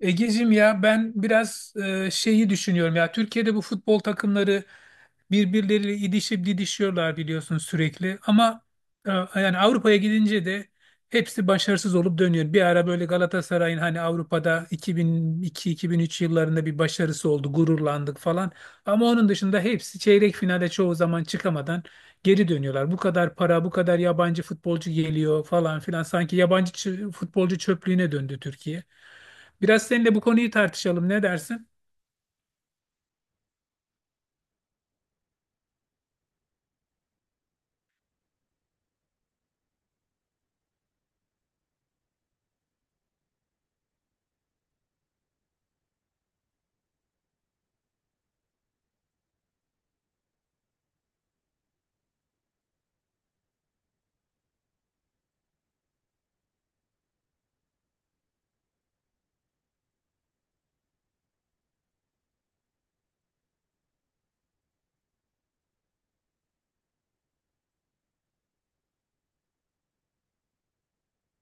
Egeciğim ya ben biraz şeyi düşünüyorum ya Türkiye'de bu futbol takımları birbirleriyle idişip didişiyorlar biliyorsun sürekli ama e, yani Avrupa'ya gidince de hepsi başarısız olup dönüyor. Bir ara böyle Galatasaray'ın hani Avrupa'da 2002-2003 yıllarında bir başarısı oldu, gururlandık falan, ama onun dışında hepsi çeyrek finale çoğu zaman çıkamadan geri dönüyorlar. Bu kadar para, bu kadar yabancı futbolcu geliyor falan filan, sanki yabancı futbolcu çöplüğüne döndü Türkiye. Biraz seninle bu konuyu tartışalım. Ne dersin?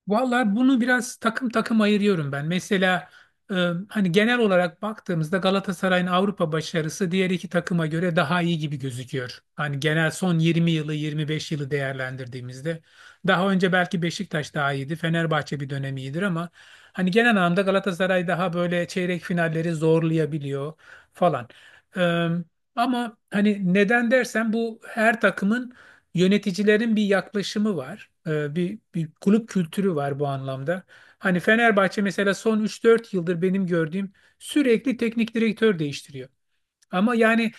Vallahi bunu biraz takım takım ayırıyorum ben. Mesela e, hani genel olarak baktığımızda Galatasaray'ın Avrupa başarısı diğer iki takıma göre daha iyi gibi gözüküyor. Hani genel son 20 yılı, 25 yılı değerlendirdiğimizde daha önce belki Beşiktaş daha iyiydi, Fenerbahçe bir dönem iyidir, ama hani genel anlamda Galatasaray daha böyle çeyrek finalleri zorlayabiliyor falan. E, ama hani neden dersen, bu her takımın yöneticilerin bir yaklaşımı var, bir kulüp kültürü var bu anlamda. Hani Fenerbahçe mesela son 3-4 yıldır benim gördüğüm sürekli teknik direktör değiştiriyor. Ama yani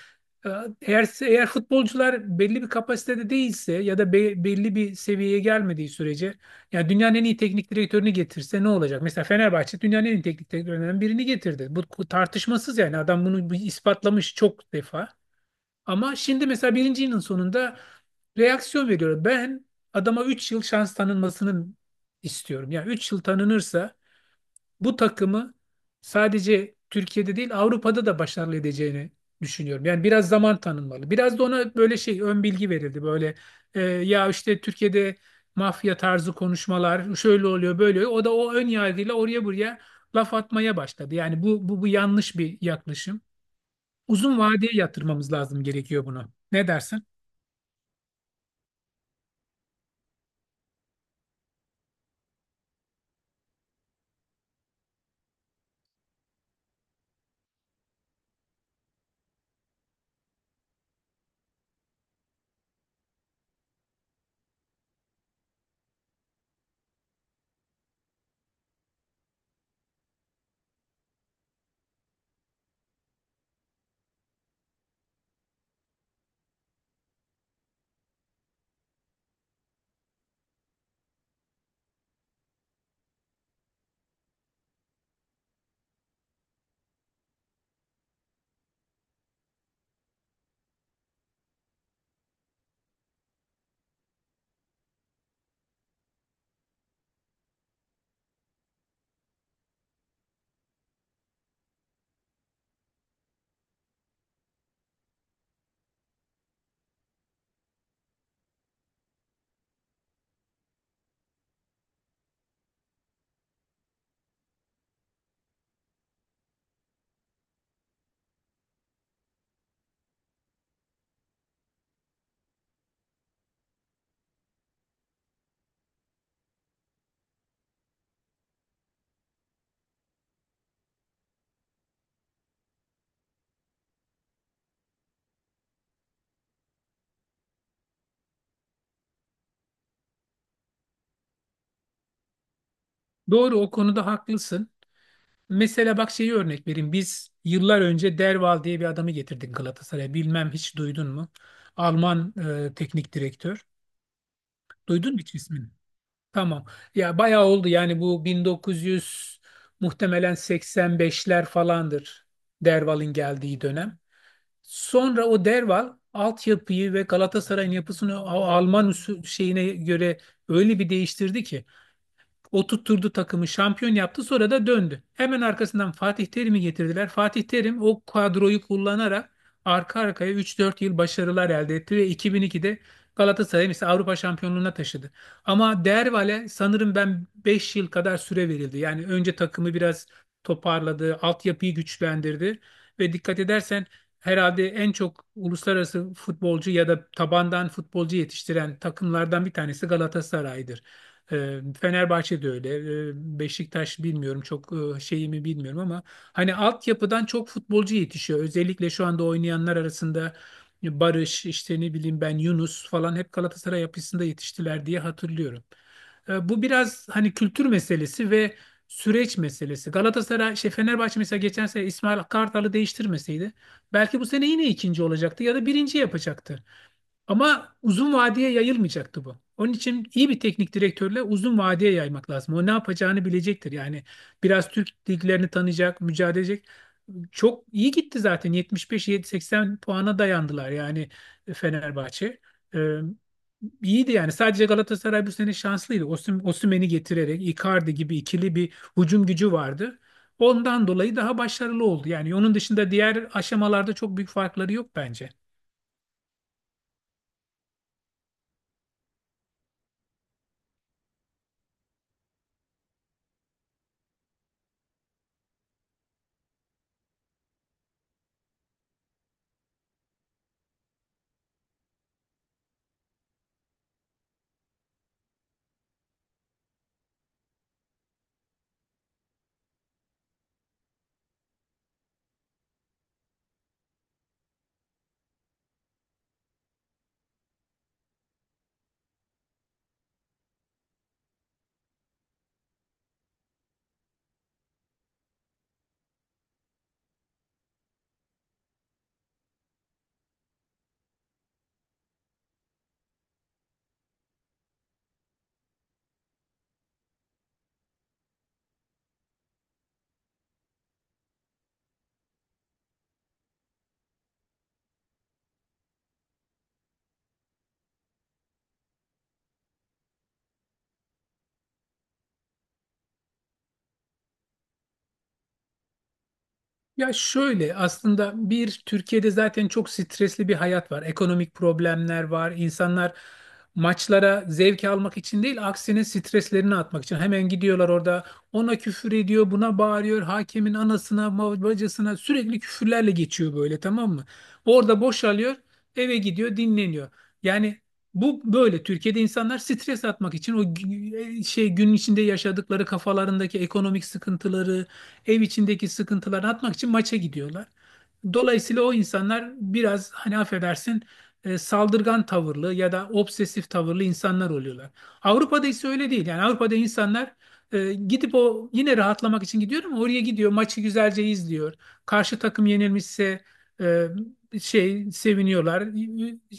e, eğer futbolcular belli bir kapasitede değilse ya da belli bir seviyeye gelmediği sürece ya dünyanın en iyi teknik direktörünü getirse ne olacak? Mesela Fenerbahçe dünyanın en iyi teknik direktörlerinden birini getirdi. Bu tartışmasız yani, adam bunu ispatlamış çok defa. Ama şimdi mesela birinci yılın sonunda reaksiyon veriyor. Ben adama 3 yıl şans tanınmasını istiyorum. Yani 3 yıl tanınırsa bu takımı sadece Türkiye'de değil Avrupa'da da başarılı edeceğini düşünüyorum. Yani biraz zaman tanınmalı. Biraz da ona böyle şey ön bilgi verildi. Böyle ya işte Türkiye'de mafya tarzı konuşmalar şöyle oluyor, böyle oluyor. O da o ön yargıyla oraya buraya laf atmaya başladı. Yani bu yanlış bir yaklaşım. Uzun vadeye yatırmamız lazım gerekiyor bunu. Ne dersin? Doğru, o konuda haklısın. Mesela bak, şeyi örnek vereyim. Biz yıllar önce Derval diye bir adamı getirdik Galatasaray'a. Bilmem hiç duydun mu? Alman teknik direktör. Duydun mu hiç ismini? Tamam. Ya bayağı oldu yani, bu 1900 muhtemelen 85'ler falandır Derval'in geldiği dönem. Sonra o Derval altyapıyı ve Galatasaray'ın yapısını o Alman usul şeyine göre öyle bir değiştirdi ki oturtturdu takımı, şampiyon yaptı, sonra da döndü. Hemen arkasından Fatih Terim'i getirdiler. Fatih Terim o kadroyu kullanarak arka arkaya 3-4 yıl başarılar elde etti ve 2002'de Galatasaray'ı mesela Avrupa şampiyonluğuna taşıdı. Ama Dervale sanırım ben 5 yıl kadar süre verildi. Yani önce takımı biraz toparladı, altyapıyı güçlendirdi ve dikkat edersen herhalde en çok uluslararası futbolcu ya da tabandan futbolcu yetiştiren takımlardan bir tanesi Galatasaray'dır. Fenerbahçe de öyle. Beşiktaş bilmiyorum çok, şeyimi bilmiyorum, ama hani altyapıdan çok futbolcu yetişiyor. Özellikle şu anda oynayanlar arasında Barış, işte ne bileyim ben Yunus falan hep Galatasaray yapısında yetiştiler diye hatırlıyorum. Bu biraz hani kültür meselesi ve süreç meselesi. Galatasaray, Fenerbahçe mesela geçen sene İsmail Kartal'ı değiştirmeseydi belki bu sene yine ikinci olacaktı ya da birinci yapacaktı. Ama uzun vadeye yayılmayacaktı bu. Onun için iyi bir teknik direktörle uzun vadeye yaymak lazım. O ne yapacağını bilecektir. Yani biraz Türk liglerini tanıyacak, mücadele edecek. Çok iyi gitti zaten. 75-80 puana dayandılar yani, Fenerbahçe. Ee, iyiydi yani. Sadece Galatasaray bu sene şanslıydı. Osimhen'i getirerek Icardi gibi ikili bir hücum gücü vardı. Ondan dolayı daha başarılı oldu. Yani onun dışında diğer aşamalarda çok büyük farkları yok bence. Ya şöyle, aslında bir Türkiye'de zaten çok stresli bir hayat var. Ekonomik problemler var. İnsanlar maçlara zevk almak için değil, aksine streslerini atmak için hemen gidiyorlar orada. Ona küfür ediyor, buna bağırıyor. Hakemin anasına, bacısına sürekli küfürlerle geçiyor böyle, tamam mı? Orada boşalıyor, eve gidiyor, dinleniyor. Yani bu böyle Türkiye'de insanlar stres atmak için o gün içinde yaşadıkları kafalarındaki ekonomik sıkıntıları, ev içindeki sıkıntılarını atmak için maça gidiyorlar. Dolayısıyla o insanlar biraz, hani affedersin, saldırgan tavırlı ya da obsesif tavırlı insanlar oluyorlar. Avrupa'da ise öyle değil. Yani Avrupa'da insanlar gidip o yine rahatlamak için gidiyor, ama oraya gidiyor, maçı güzelce izliyor. Karşı takım yenilmişse e, seviniyorlar.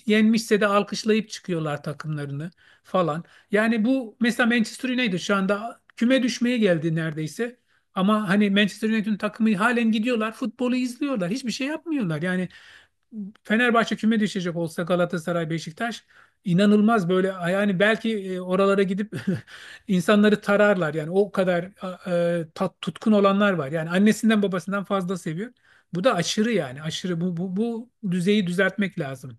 Yenmişse de alkışlayıp çıkıyorlar takımlarını falan. Yani bu mesela Manchester United şu anda küme düşmeye geldi neredeyse. Ama hani Manchester United'ın takımı halen gidiyorlar, futbolu izliyorlar, hiçbir şey yapmıyorlar. Yani Fenerbahçe küme düşecek olsa Galatasaray, Beşiktaş inanılmaz böyle yani, belki oralara gidip insanları tararlar. Yani o kadar tutkun olanlar var. Yani annesinden babasından fazla seviyor. Bu da aşırı, yani aşırı bu düzeyi düzeltmek lazım.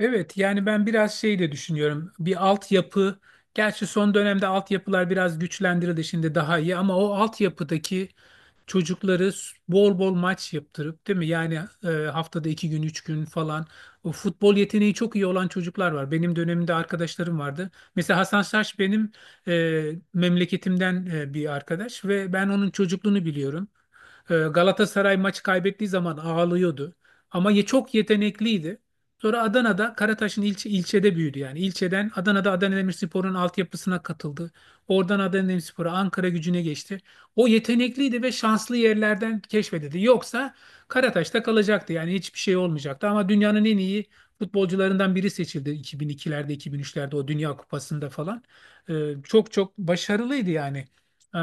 Evet yani ben biraz şey de düşünüyorum. Bir altyapı. Gerçi son dönemde altyapılar biraz güçlendirildi, şimdi daha iyi, ama o altyapıdaki çocukları bol bol maç yaptırıp, değil mi? Yani haftada 2 gün, 3 gün falan. O futbol yeteneği çok iyi olan çocuklar var. Benim dönemimde arkadaşlarım vardı. Mesela Hasan Saç benim e, memleketimden bir arkadaş ve ben onun çocukluğunu biliyorum. Galatasaray maçı kaybettiği zaman ağlıyordu. Ama çok yetenekliydi. Sonra Adana'da Karataş'ın ilçede büyüdü yani. İlçeden Adana'da Adana Demirspor'un altyapısına katıldı. Oradan Adana Demirspor'a Ankara Gücü'ne geçti. O yetenekliydi ve şanslı yerlerden keşfedildi. Yoksa Karataş'ta kalacaktı yani, hiçbir şey olmayacaktı. Ama dünyanın en iyi futbolcularından biri seçildi 2002'lerde, 2003'lerde o Dünya Kupası'nda falan. Ee, çok çok başarılıydı yani. Ee,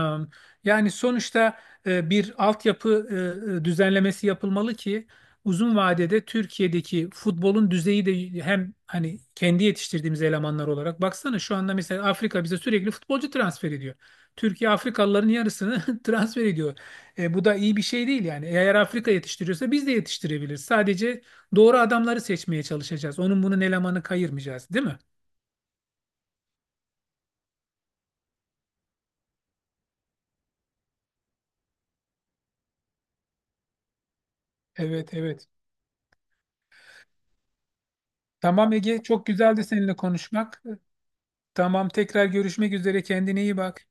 yani sonuçta bir altyapı düzenlemesi yapılmalı ki uzun vadede Türkiye'deki futbolun düzeyi de, hem hani kendi yetiştirdiğimiz elemanlar olarak, baksana şu anda mesela Afrika bize sürekli futbolcu transfer ediyor. Türkiye Afrikalıların yarısını transfer ediyor. Bu da iyi bir şey değil yani. Eğer Afrika yetiştiriyorsa biz de yetiştirebiliriz. Sadece doğru adamları seçmeye çalışacağız. Onun bunun elemanı kayırmayacağız, değil mi? Evet, evet. Tamam Ege, çok güzeldi seninle konuşmak. Tamam, tekrar görüşmek üzere. Kendine iyi bak.